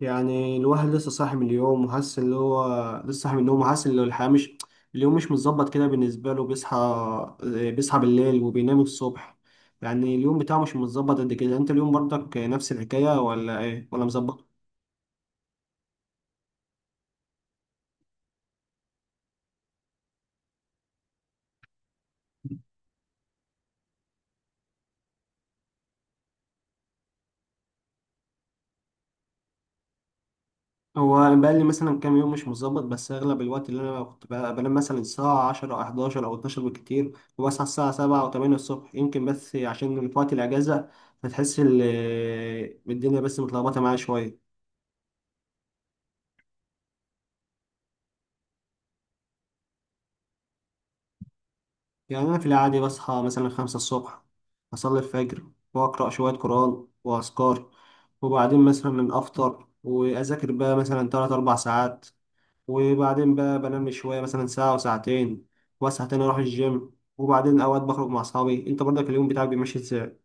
يعني الواحد لسه صاحي من اليوم وحاسس اللي هو لسه صاحي من النوم وحاسس ان الحياة مش اليوم مش متظبط كده بالنسبة له، بيصحى بيصحى بالليل وبينام الصبح. يعني اليوم بتاعه مش متظبط قد كده. انت اليوم برضك نفس الحكاية ولا ايه ولا مظبط؟ هو بقى لي مثلا كام يوم مش متظبط، بس اغلب الوقت اللي انا كنت بقى بنام مثلا الساعة 10 او 11 او 12 بالكتير، وبصحى الساعة 7 او 8 الصبح يمكن، بس عشان في وقت الاجازة. فتحس ال- الدنيا بس متلخبطة معايا شوية. يعني أنا في العادي بصحى مثلا خمسة الصبح، أصلي الفجر وأقرأ شوية قرآن وأذكار، وبعدين مثلا أفطر وأذاكر بقى مثلا تلات أربع ساعات، وبعدين بقى بنام شوية مثلا ساعة وساعتين، وأصحى تاني أروح الجيم، وبعدين أوقات بخرج مع أصحابي. أنت برضك اليوم بتاعك بيمشي إزاي؟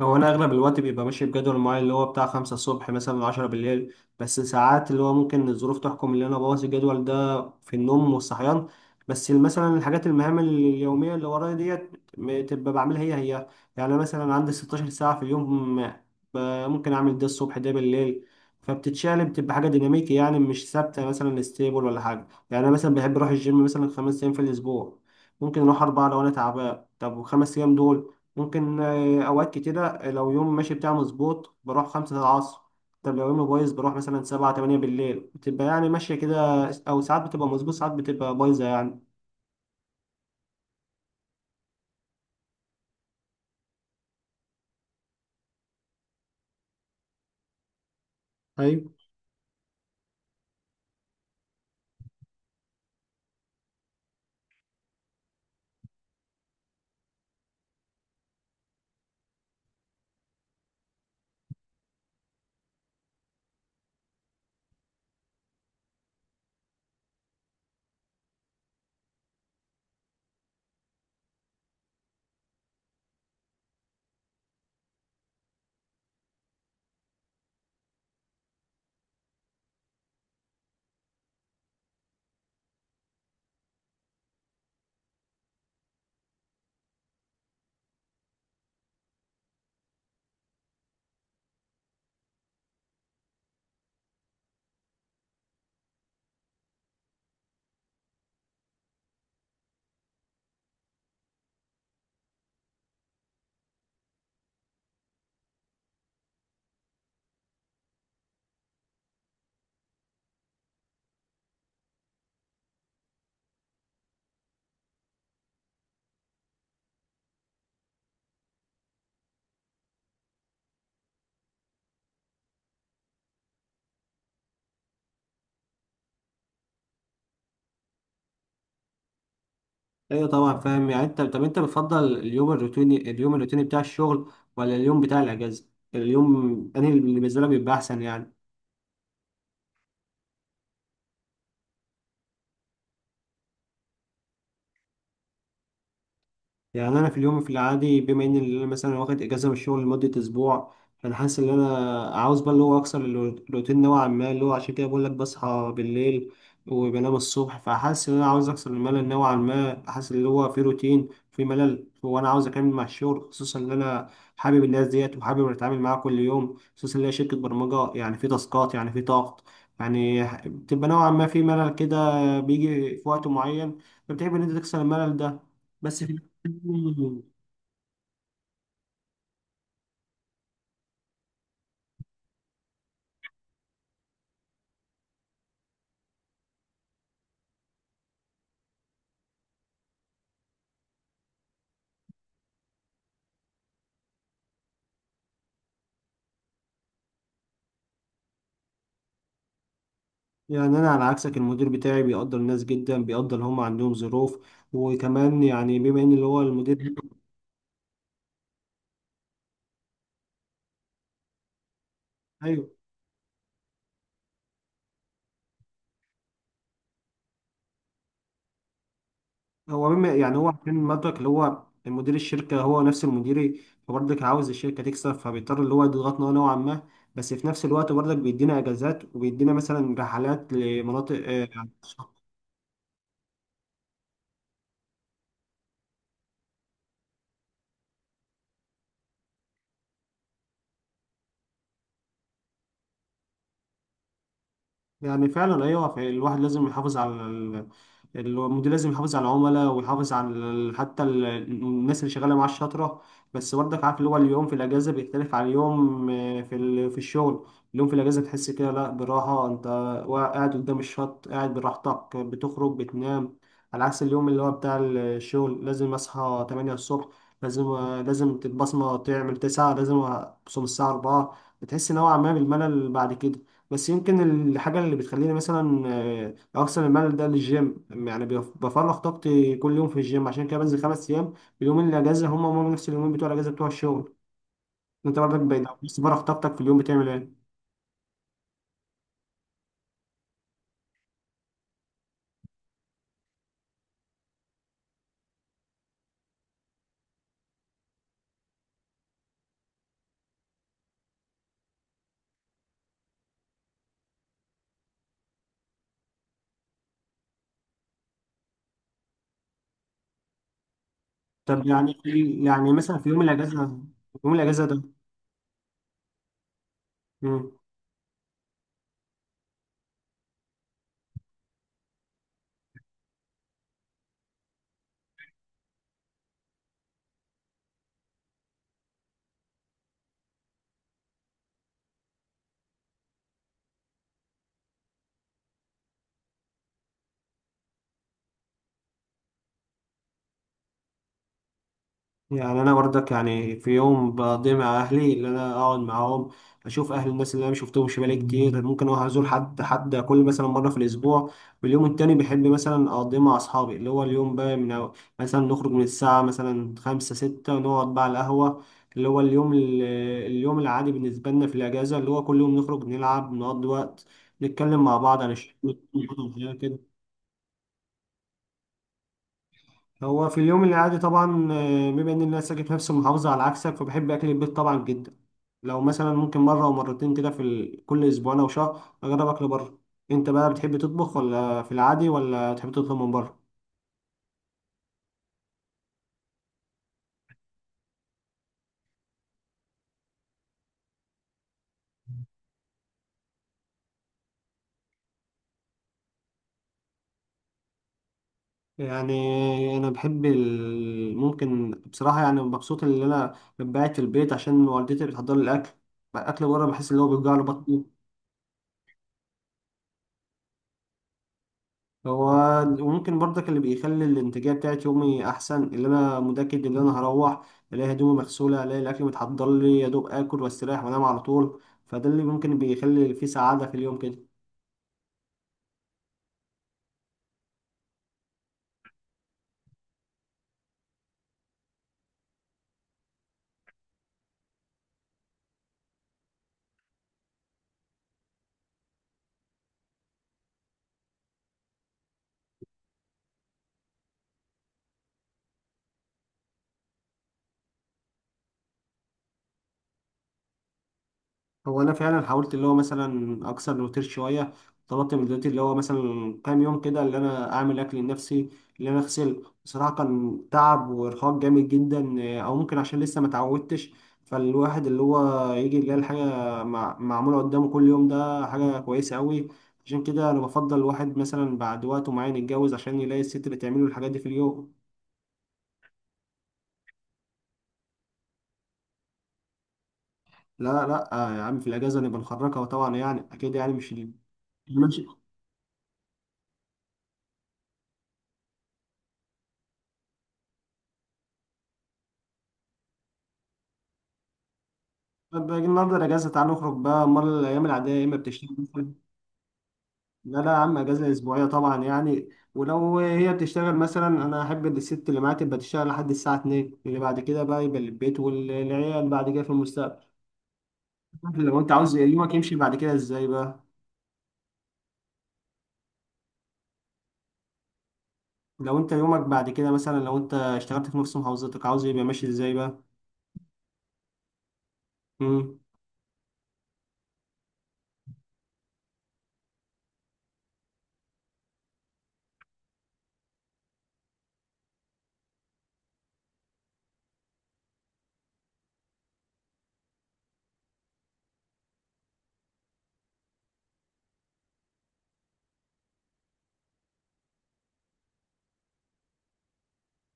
هو انا اغلب الوقت بيبقى ماشي بجدول معين اللي هو بتاع خمسة الصبح مثلا عشرة بالليل، بس ساعات اللي هو ممكن الظروف تحكم اللي انا بوظ الجدول ده في النوم والصحيان. بس مثلا الحاجات المهام اليومية اللي ورايا ديت تبقى بعملها هي هي. يعني أنا مثلا عندي 16 ساعة في اليوم، ب- ممكن اعمل ده الصبح ده بالليل، فبتتشقلب، بتبقى حاجة ديناميكي يعني، مش ثابتة مثلا ستيبل ولا حاجة. يعني انا مثلا بحب اروح الجيم مثلا خمس ايام في الاسبوع، ممكن اروح اربعة لو انا تعبان. طب وخمس ايام دول ممكن أوقات كتيرة لو يوم ماشي بتاعي مظبوط بروح خمسة العصر، طب لو يومي بايظ بروح مثلا سبعة تمانية بالليل، بتبقى يعني ماشية كده، أو ساعات بتبقى مظبوط ساعات بتبقى بايظة يعني. ايوه ايوه طبعا فاهم. يعني انت طب انت بتفضل اليوم الروتيني، اليوم الروتيني بتاع الشغل ولا اليوم بتاع الاجازه؟ اليوم انا اللي بالنسبه لك بيبقى احسن يعني. يعني انا في اليوم في العادي بما ان انا مثلا واخد اجازه من الشغل لمده اسبوع، فانا حاسس ان انا عاوز بقى اللي هو اكسر الروتين نوعا ما، اللي هو عشان كده بقول لك بصحى بالليل وبنام الصبح، فحاسس ان انا عاوز اكسر الملل نوعا ما، حاسس اللي هو في روتين في ملل، وانا عاوز اكمل مع الشغل خصوصا ان انا حابب الناس ديت وحابب اتعامل معاها كل يوم، خصوصا ان هي شركه برمجه يعني، في تاسكات يعني في ضغط، يعني بتبقى نوعا ما في ملل كده بيجي في وقت معين، فبتحب ان انت تكسر الملل ده، بس في مم. يعني انا على عكسك المدير بتاعي بيقدر الناس جدا، بيقدر اللي هم عندهم ظروف، وكمان يعني بما ان اللي هو المدير ايوه. هو بما يعني هو عشان مدرك اللي هو مدير الشركه هو نفس المديري، فبرضك عاوز الشركه تكسب، فبيضطر اللي هو يضغطنا نوعا ما، بس في نفس الوقت برضك بيدينا اجازات وبيدينا مثلا رحلات لمناطق يعني فعلا ايوه. الواحد لازم يحافظ المدير لازم يحافظ على العملاء ويحافظ على ال- حتى ال- الناس اللي شغاله معاه الشاطره. بس برضك عارف اللي هو اليوم في الاجازه بيختلف عن اليوم في الشغل. اليوم في الاجازه تحس كده لا براحه انت قاعد قدام الشط قاعد براحتك، بتخرج بتنام، على عكس اليوم اللي هو بتاع الشغل، لازم اصحى 8 الصبح، لازم لازم تتبصمه، تعمل 9، لازم تصوم الساعه 4، بتحس نوعا ما بالملل بعد كده. بس يمكن الحاجة اللي بتخليني مثلا أغسل الملل ده للجيم، يعني بفرغ طاقتي كل يوم في الجيم، عشان كده بنزل خمس أيام. اليومين اللي أجازة هما هما نفس اليومين بتوع الأجازة بتوع الشغل. أنت برضك لو بس فرغ طاقتك في اليوم بتعمل إيه؟ طب يعني يعني مثلا في يوم الأجازة، في يوم الأجازة ده، يعني انا برضك يعني في يوم بقضي مع اهلي اللي انا اقعد معاهم، اشوف اهل الناس اللي انا ما شفتهمش بقالي كتير، ممكن اروح ازور حد حد كل مثلا مره في الاسبوع، واليوم التاني بحب مثلا اقضيه مع اصحابي اللي هو اليوم بقى مثلا نخرج من الساعه مثلا خمسة ستة ونقعد بقى على القهوه، اللي هو اليوم ال... اليوم العادي بالنسبه لنا في الاجازه اللي هو كل يوم نخرج نلعب نقضي وقت، نتكلم مع بعض عن الشغل. هو في اليوم العادي طبعا بما ان الناس ساكن في نفس المحافظه على عكسك، فبحب اكل البيت طبعا جدا، لو مثلا ممكن مره او مرتين كده كل اسبوعين او شهر اجرب اكل بره. انت بقى بتحب تطبخ ولا في العادي ولا تحب تطلب من بره؟ يعني انا ممكن بصراحه يعني مبسوط ان انا ببعت في البيت عشان والدتي بتحضر لي الاكل، اكل بره بحس ان هو بيوجع له بطني. هو وممكن برضك اللي بيخلي الانتاجيه بتاعت يومي احسن اللي انا متاكد ان انا هروح الاقي هدومي مغسوله، الاقي الاكل متحضر لي، يا دوب اكل واستريح وانام على طول، فده اللي ممكن بيخلي فيه سعاده في اليوم كده. هو انا فعلا حاولت اللي هو مثلا اكسر الروتين شويه، طلبت من دلوقتي اللي هو مثلا كام يوم كده اللي انا اعمل اكل لنفسي، اللي انا اغسل، بصراحه كان تعب وارهاق جامد جدا، او ممكن عشان لسه ما اتعودتش، فالواحد اللي هو يجي يلاقي الحاجه معموله قدامه كل يوم، ده حاجه كويسه قوي. عشان كده انا بفضل الواحد مثلا بعد وقت معين يتجوز، عشان يلاقي الست اللي تعمله الحاجات دي في اليوم. لا لا، يا عم في الاجازه نبقى نخرجها طبعا يعني اكيد يعني. مش طب باجي النهارده اجازه تعال نخرج بقى، امال الايام العاديه يا اما بتشتغل مثلا. لا لا يا عم، اجازه اسبوعيه طبعا يعني. ولو هي بتشتغل مثلا، انا احب إن الست اللي معايا تبقى تشتغل لحد الساعه 2، اللي بعد كده بقى يبقى للبيت والعيال بعد كده في المستقبل. لو انت عاوز يومك يمشي بعد كده ازاي بقى، لو انت يومك بعد كده مثلا لو انت اشتغلت في نفس محافظتك عاوز يبقى ماشي ازاي بقى؟ امم،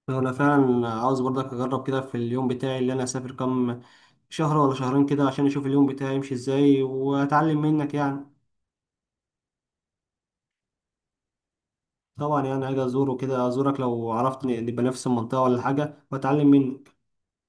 انا فعلا عاوز برضك اجرب كده في اليوم بتاعي اللي انا اسافر كام شهر ولا شهرين كده، عشان اشوف اليوم بتاعي يمشي ازاي واتعلم منك يعني. طبعا يعني عايز ازوره كده، ازورك لو عرفت نبقى نفس المنطقة ولا حاجة، واتعلم منك.